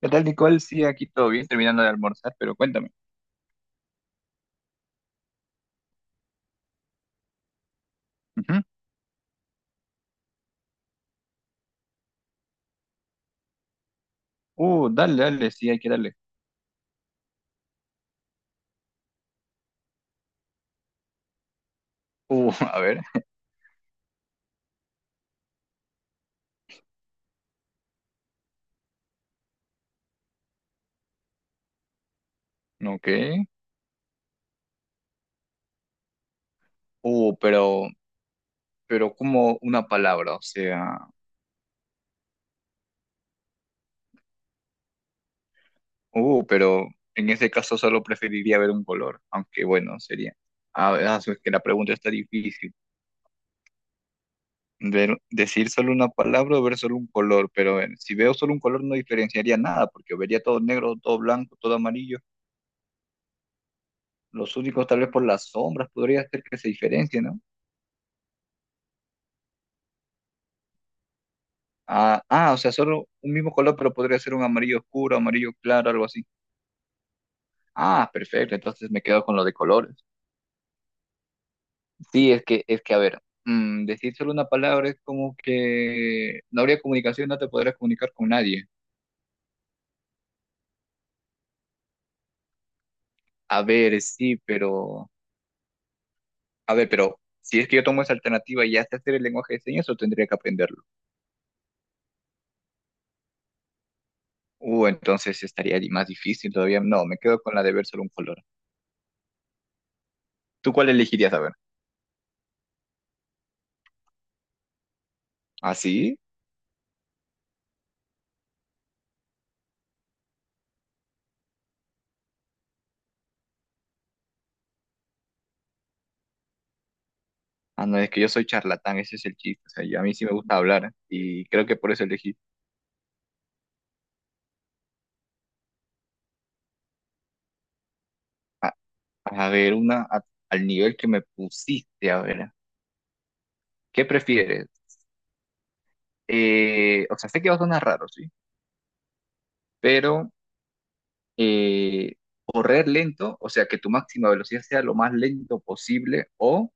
¿Qué tal, Nicole? Sí, aquí todo bien, terminando de almorzar, pero cuéntame. Ujú. Dale, dale, sí, hay que darle. A ver, ok. Uh, pero, pero como una palabra, o sea, pero en ese caso solo preferiría ver un color, aunque bueno, sería. A ver, ah, es que la pregunta está difícil. Decir solo una palabra o ver solo un color, pero a ver, si veo solo un color no diferenciaría nada, porque vería todo negro, todo blanco, todo amarillo. Los únicos, tal vez por las sombras, podría ser que se diferencien, ¿no? Ah, ah, o sea, solo un mismo color, pero podría ser un amarillo oscuro, amarillo claro, algo así. Ah, perfecto, entonces me quedo con lo de colores. Sí, es que, a ver, decir solo una palabra es como que no habría comunicación, no te podrías comunicar con nadie. A ver, sí, pero, a ver, pero si es que yo tomo esa alternativa y ya sé hacer el lenguaje de señas, o tendría que aprenderlo. Entonces estaría más difícil todavía. No, me quedo con la de ver solo un color. ¿Tú cuál elegirías, a ver? ¿Así? Ah, no, es que yo soy charlatán, ese es el chiste. O sea, a mí sí me gusta hablar y creo que por eso elegí. A, a ver, al nivel que me pusiste, a ver, ¿qué prefieres? O sea, sé que va a sonar raro, ¿sí? Pero eh, correr lento, o sea, que tu máxima velocidad sea lo más lento posible o,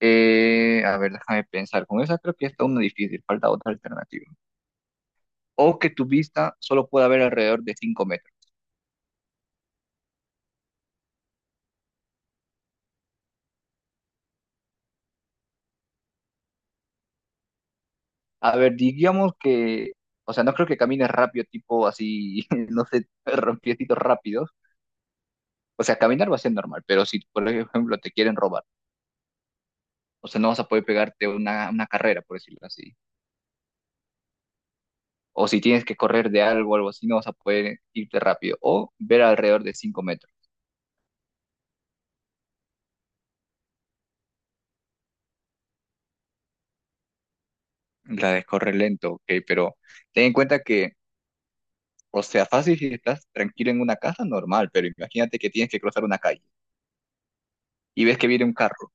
a ver, déjame pensar, con esa creo que está una difícil, falta otra alternativa. O que tu vista solo pueda ver alrededor de 5 metros. A ver, digamos que, o sea, no creo que camines rápido, tipo así, no sé, piecitos rápidos. O sea, caminar va a ser normal, pero si, por ejemplo, te quieren robar, o sea, no vas a poder pegarte una carrera, por decirlo así. O si tienes que correr de algo, algo así, no vas a poder irte rápido. O ver alrededor de 5 metros. La de correr lento, ok, pero ten en cuenta que, o sea, fácil si estás tranquilo en una casa, normal, pero imagínate que tienes que cruzar una calle y ves que viene un carro.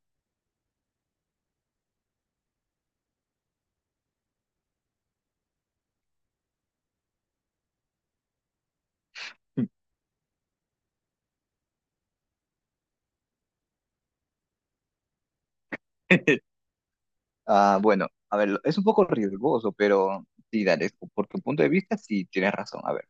Ah, bueno, a ver, es un poco riesgoso, pero sí, dale, por tu punto de vista, sí tienes razón. A ver.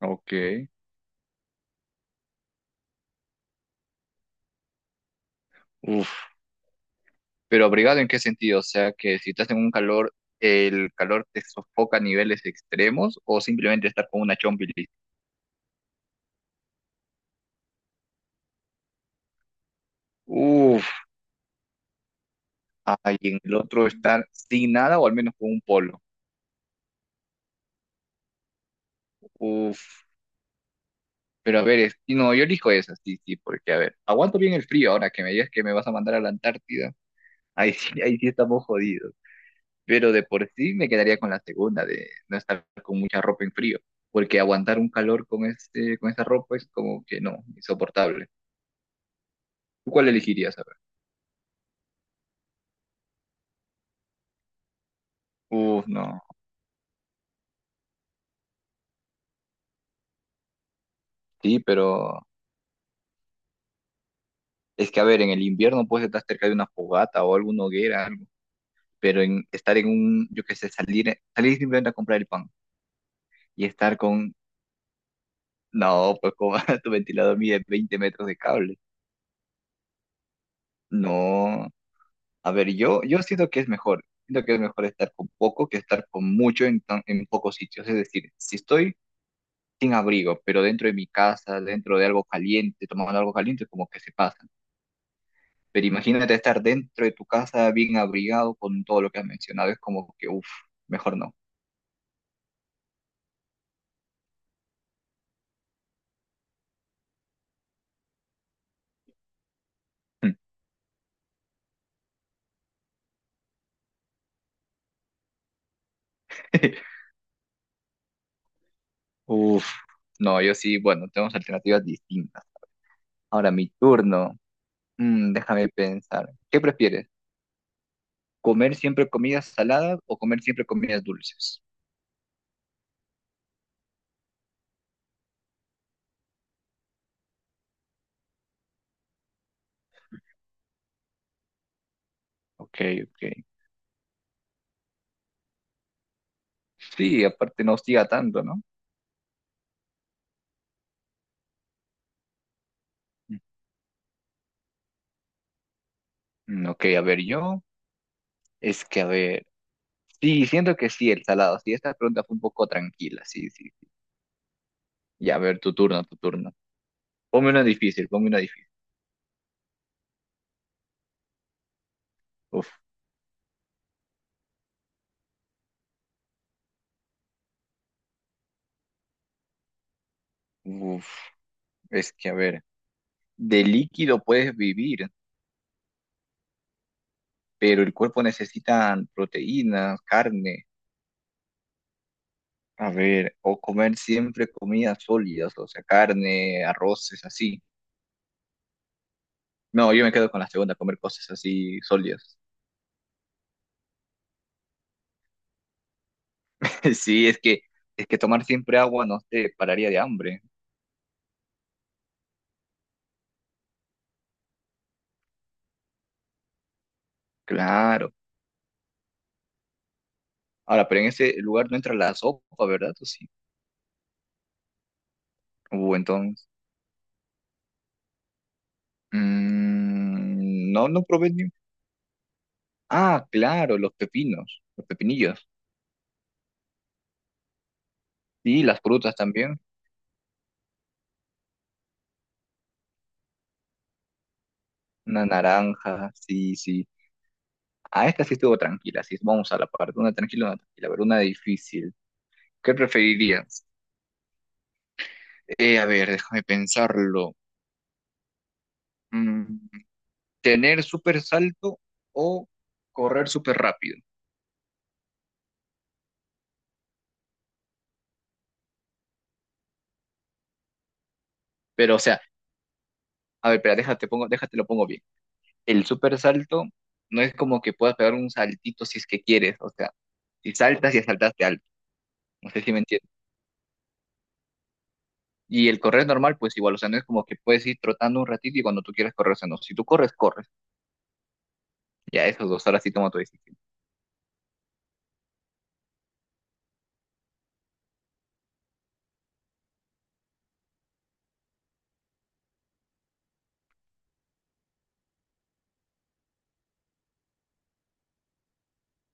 Ok. Uf. ¿Pero abrigado en qué sentido? O sea, que si estás en un calor, ¿el calor te sofoca a niveles extremos o simplemente estar con una chompi? Uf. Ah, y en el otro estar sin nada o al menos con un polo. Uf. Pero a ver, y no, yo elijo esa, sí, sí, porque a ver, aguanto bien el frío ahora que me digas que me vas a mandar a la Antártida. Ahí sí estamos jodidos. Pero de por sí me quedaría con la segunda, de no estar con mucha ropa en frío, porque aguantar un calor con este, con esta ropa es como que no, insoportable. ¿Tú cuál elegirías? A ver. Uf, no. Sí, pero es que a ver, en el invierno puedes estar cerca de una fogata o alguna hoguera, algo, pero en estar en un, yo qué sé, salir, salir simplemente a comprar el pan y estar con, no, pues como tu ventilador mide 20 metros de cable. No, a ver, yo siento que es mejor. Siento que es mejor estar con poco que estar con mucho en, en pocos sitios. Es decir, si estoy sin abrigo, pero dentro de mi casa, dentro de algo caliente, tomando algo caliente, como que se pasa. Pero imagínate estar dentro de tu casa bien abrigado con todo lo que has mencionado. Es como que, uff, mejor no. Uff, no, yo sí, bueno, tenemos alternativas distintas. Ahora mi turno. Déjame pensar. ¿Qué prefieres? ¿Comer siempre comidas saladas o comer siempre comidas dulces? Ok, ok. Sí, aparte no hostiga tanto, ¿no? Ok, a ver, yo, es que a ver, sí, siento que sí, el salado, sí, esta pregunta fue un poco tranquila, sí, sí. Ya, a ver, tu turno, tu turno. Ponme una difícil, ponme una difícil. Uf, uf, es que a ver, de líquido puedes vivir, pero el cuerpo necesita proteínas, carne, a ver, o comer siempre comidas sólidas, o sea, carne, arroces, así. No, yo me quedo con la segunda, comer cosas así sólidas. Sí, es que tomar siempre agua no te pararía de hambre. Claro. Ahora, pero en ese lugar no entra la sopa, ¿verdad? ¿O sí? Entonces. No, no probé ni- ah, claro, los pepinos, los pepinillos. Y las frutas también. Una naranja, sí, sí. Ah, esta sí estuvo tranquila, sí. Vamos a la parte. Una tranquila, una tranquila. A ver, una difícil. ¿Qué preferirías? A ver, déjame pensarlo. Mm, ¿tener súper salto o correr súper rápido? Pero, o sea, a ver, espera, déjate, pongo, déjate, lo pongo bien. El super salto no es como que puedas pegar un saltito si es que quieres, o sea, si saltas y saltaste alto, no sé si me entiendes. Y el correr normal, pues igual, o sea, no es como que puedes ir trotando un ratito y cuando tú quieras correr, o sea, no, si tú corres, corres, ya esos dos horas sí toma tu decisión.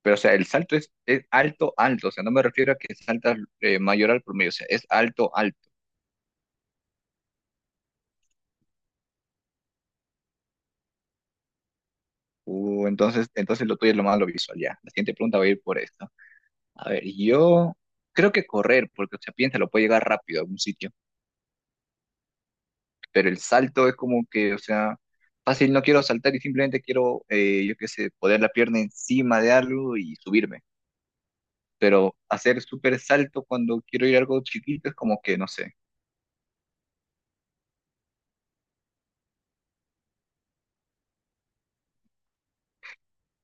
Pero, o sea, el salto es alto, alto, o sea, no me refiero a que saltas mayor al promedio, o sea, es alto, alto. Entonces, entonces lo tuyo es lo más lo visual, ya. La siguiente pregunta va a ir por eso. A ver, yo creo que correr, porque, o sea, piénsalo, puede llegar rápido a algún sitio, pero el salto es como que, o sea, fácil, no quiero saltar y simplemente quiero, yo qué sé, poner la pierna encima de algo y subirme. Pero hacer súper salto cuando quiero ir a algo chiquito es como que, no sé.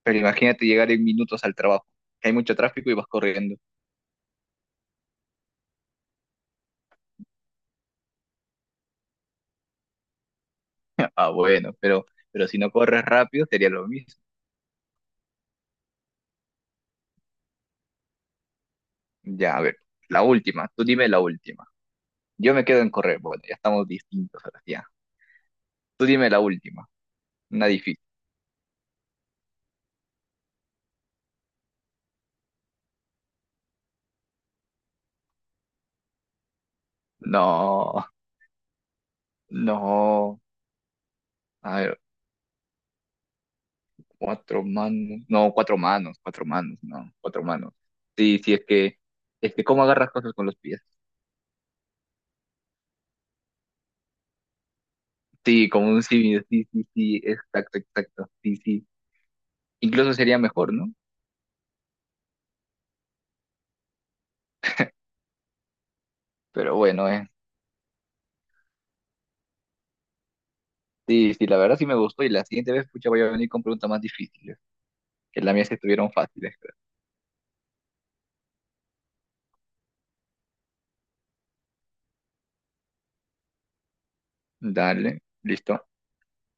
Pero imagínate llegar en minutos al trabajo, que hay mucho tráfico y vas corriendo. Ah, bueno, pero si no corres rápido sería lo mismo. Ya, a ver, la última, tú dime la última. Yo me quedo en correr, bueno, ya estamos distintos ahora, ya. Tú dime la última. Una difícil. No, no. A ver, cuatro manos. No, cuatro manos, no, cuatro manos. Sí, sí, es que cómo agarras cosas con los pies. Sí, como un simio, sí, sí, sí, exacto, exacto, sí, sí. Incluso sería mejor, ¿no? Pero bueno, eh. Sí, sí, la verdad sí me gustó y la siguiente vez, pucha, voy a venir con preguntas más difíciles, que las mías estuvieron fáciles. Creo. Dale, listo.